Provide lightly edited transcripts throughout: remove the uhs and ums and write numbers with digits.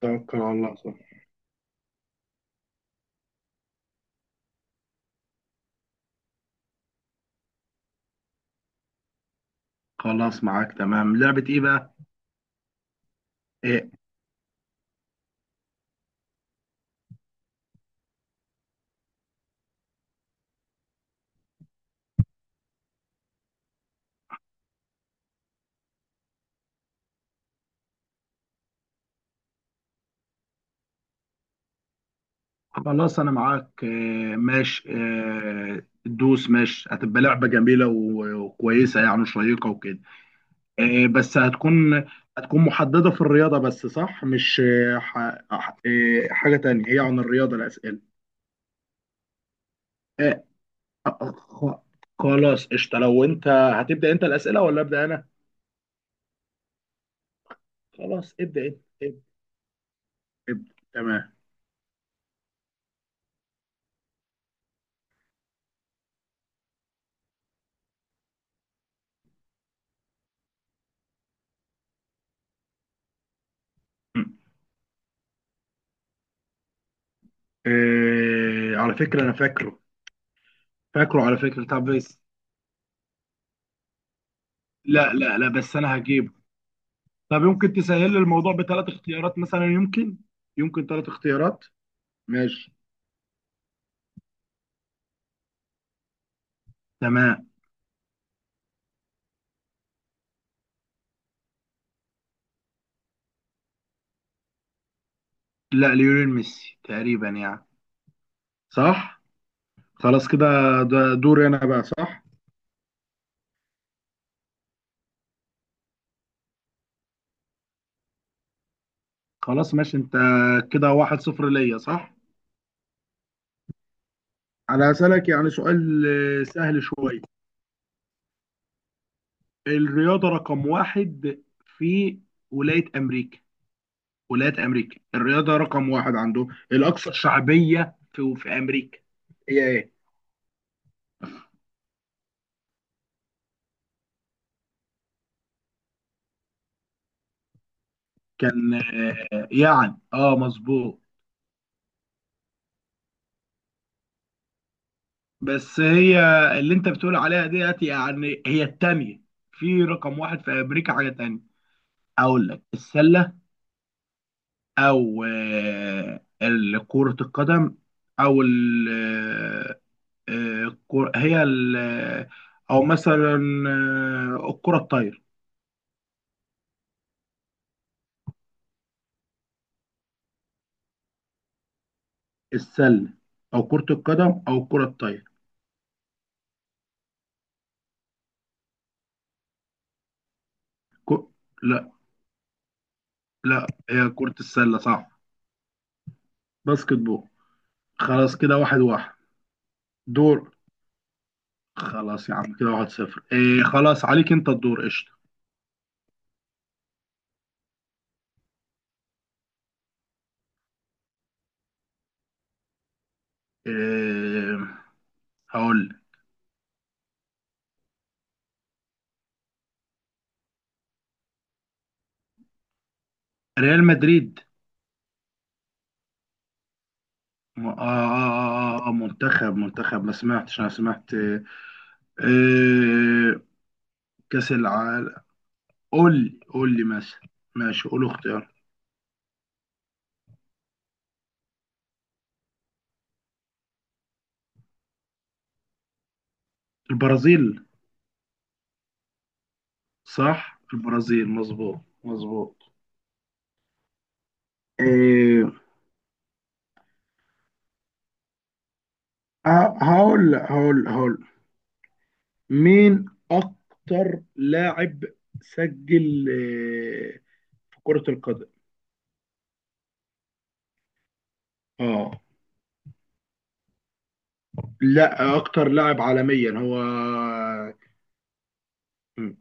توكل على الله صح. خلاص معاك تمام. لعبة ايه بقى؟ إيه. خلاص انا معاك. إيه ماشي. إيه دوس ماشي، هتبقى لعبة جميلة و- وكويسة يعني وشيقة وكده. إيه بس هتكون محددة في الرياضة بس صح؟ مش إيه إيه حاجة تانية، هي عن الرياضة الأسئلة؟ إيه. خ- خلاص قشطة. لو انت هتبدأ انت الأسئلة ولا أبدأ انا؟ خلاص ابدأ انت ابدأ تمام. إيه، على فكرة أنا فاكره. فاكره على فكرة، طب بس لا بس انا هجيبه. طب يمكن تسهل لي الموضوع بثلاث اختيارات مثلا، يمكن يمكن ثلاث اختيارات. ماشي. تمام. لا ليونيل ميسي تقريبا يعني. صح خلاص كده. ده دوري انا بقى صح؟ خلاص ماشي انت، كده واحد صفر ليا صح؟ انا هسألك يعني سؤال سهل شوية. الرياضة رقم واحد في ولاية امريكا، ولاية أمريكا الرياضة رقم واحد عندهم الأكثر شعبية في أمريكا هي إيه؟ كان يعني اه مظبوط. بس هي اللي أنت بتقول عليها ديت يعني هي التانية، في رقم واحد في أمريكا حاجة تانية. أقول لك السلة أو كرة القدم أو ال آه، آه، الكرة- هي ال آه، أو مثلا الكرة الطايرة. السلة أو كرة القدم أو الكرة الطايرة. كو... لا لا، هي كرة السلة صح، باسكت بول. خلاص كده واحد واحد. دور. خلاص يا عم، كده واحد صفر. إيه خلاص عليك انت الدور قشطة. إيه هقول لك. ريال مدريد. منتخب ما سمعتش، انا سمعت إيه؟ إيه، كأس العالم. قول لي مثلا. ماشي قول اختيار. البرازيل. صح البرازيل، مظبوط مظبوط. إيه. هقول مين اكتر لاعب سجل آه، في كرة القدم. اه، لا اكتر لاعب عالميا هو. مم،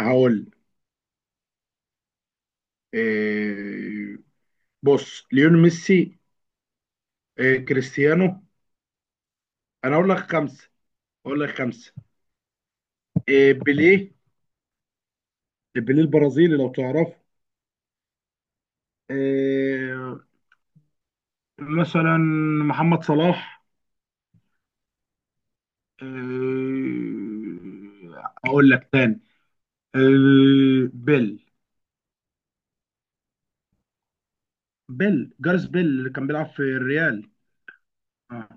هقول آه، بص ليون ميسي، كريستيانو. انا اقول لك خمسة، اقول لك خمسة بيليه، بيليه البرازيلي لو تعرف. آه، مثلا محمد صلاح، آه، اقول لك تاني بيل، بيل جارس، بيل اللي كان بيلعب في الريال. آه.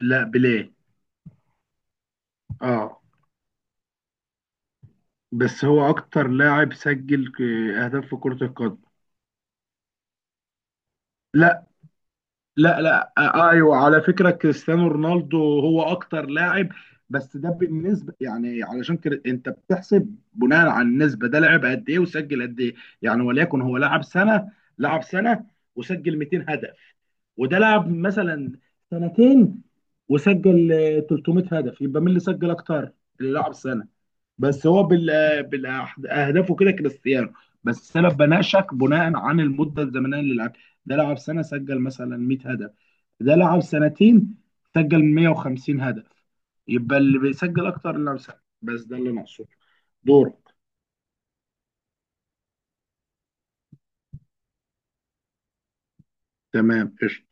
لا بيليه. اه بس هو اكتر لاعب سجل اهداف في كرة القدم. لا لا آه ايوه، على فكرة كريستيانو رونالدو هو اكتر لاعب. بس ده بالنسبة يعني، علشان كده انت بتحسب بناء على النسبة، ده لعب قد ايه وسجل قد ايه. يعني وليكن هو لعب سنة، لعب سنة وسجل 200 هدف، وده لعب مثلا سنتين وسجل 300 هدف، يبقى مين اللي سجل اكتر؟ اللي لعب سنة. بس هو بالاهدافه كده كريستيانو، بس انا بناقشك بناء عن المده الزمنيه اللي لعب. ده لعب سنه سجل مثلا 100 هدف، ده لعب سنتين سجل 150 هدف، يبقى اللي بيسجل اكتر اللي بيسجل. بس ده اللي ناقصه. دورك. تمام قشطه.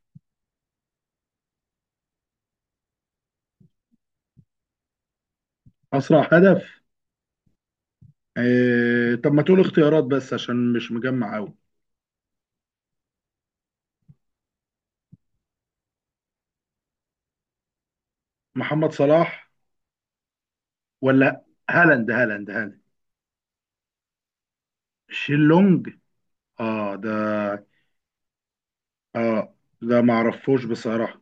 اسرع هدف. طب ما تقول اختيارات بس عشان مش مجمع قوي. محمد صلاح ولا هالاند. شيلونج. اه ده. اه ده ما اعرفوش بصراحه.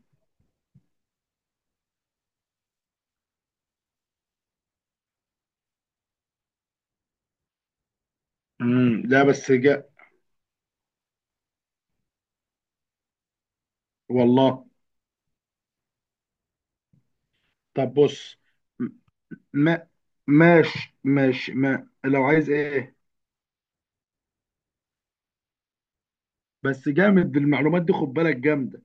لا بس جاء. والله. طب بص. م- ما ماشي ماشي، ما لو عايز ايه ايه. بس جامد المعلومات دي، خد بالك جامده.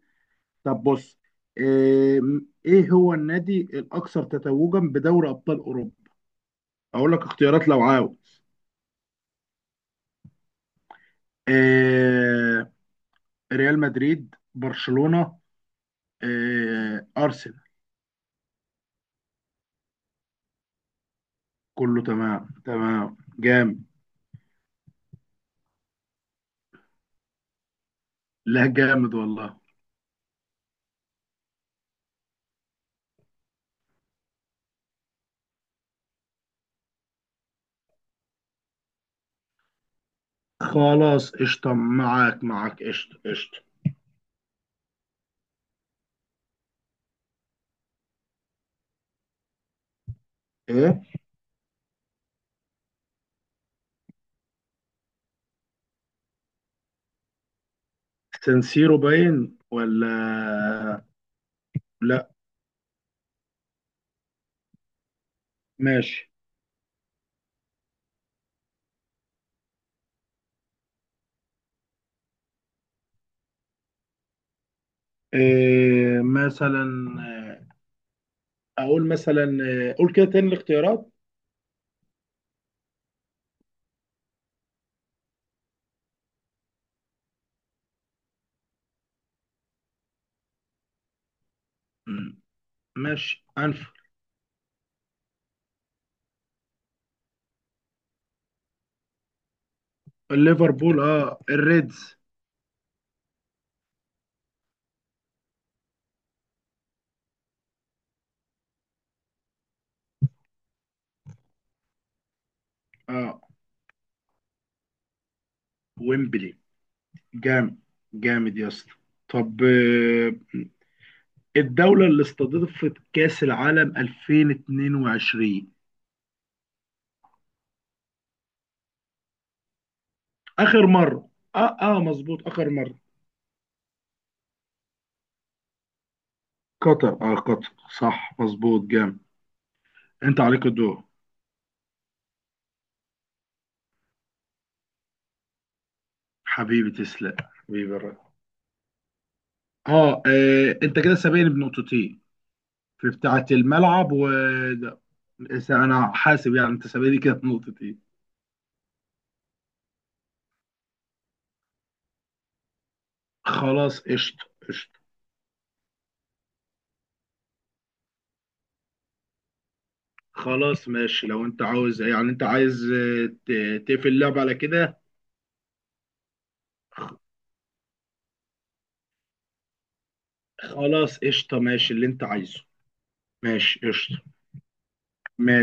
طب بص، ايه, ايه هو النادي الاكثر تتويجا بدوري ابطال اوروبا؟ اقول لك اختيارات لو عاوز. ايه ريال مدريد، برشلونه، ايه ارسنال. كله تمام تمام جامد. لا جامد والله. خلاص قشطه، معاك معاك قشطه قشطه. ايه سانسيرو باين ولا لا؟ ماشي. إيه مثلا، آه، اقول مثلا، قول كده تاني الاختيارات. مم، ماشي ليفربول اه الريدز. اه ويمبلي. جامد. جامد يا اسطى. طب الدولة اللي استضافت كأس العالم 2022. آخر مرة، اه اه مظبوط آخر مرة. قطر، اه قطر. صح مظبوط جامد. انت عليك الدور. حبيبي تسلق حبيبي الرأي. اه انت كده سابقني بنقطتين، في بتاعة الملعب و ده. بس انا حاسب يعني انت سابقني كده بنقطتين. خلاص قشطة قشطة. خلاص ماشي، لو انت عاوز يعني انت عايز تقفل اللعبة على كده. خلاص قشطة ماشي اللي انت عايزه. ماشي قشطة. ماشي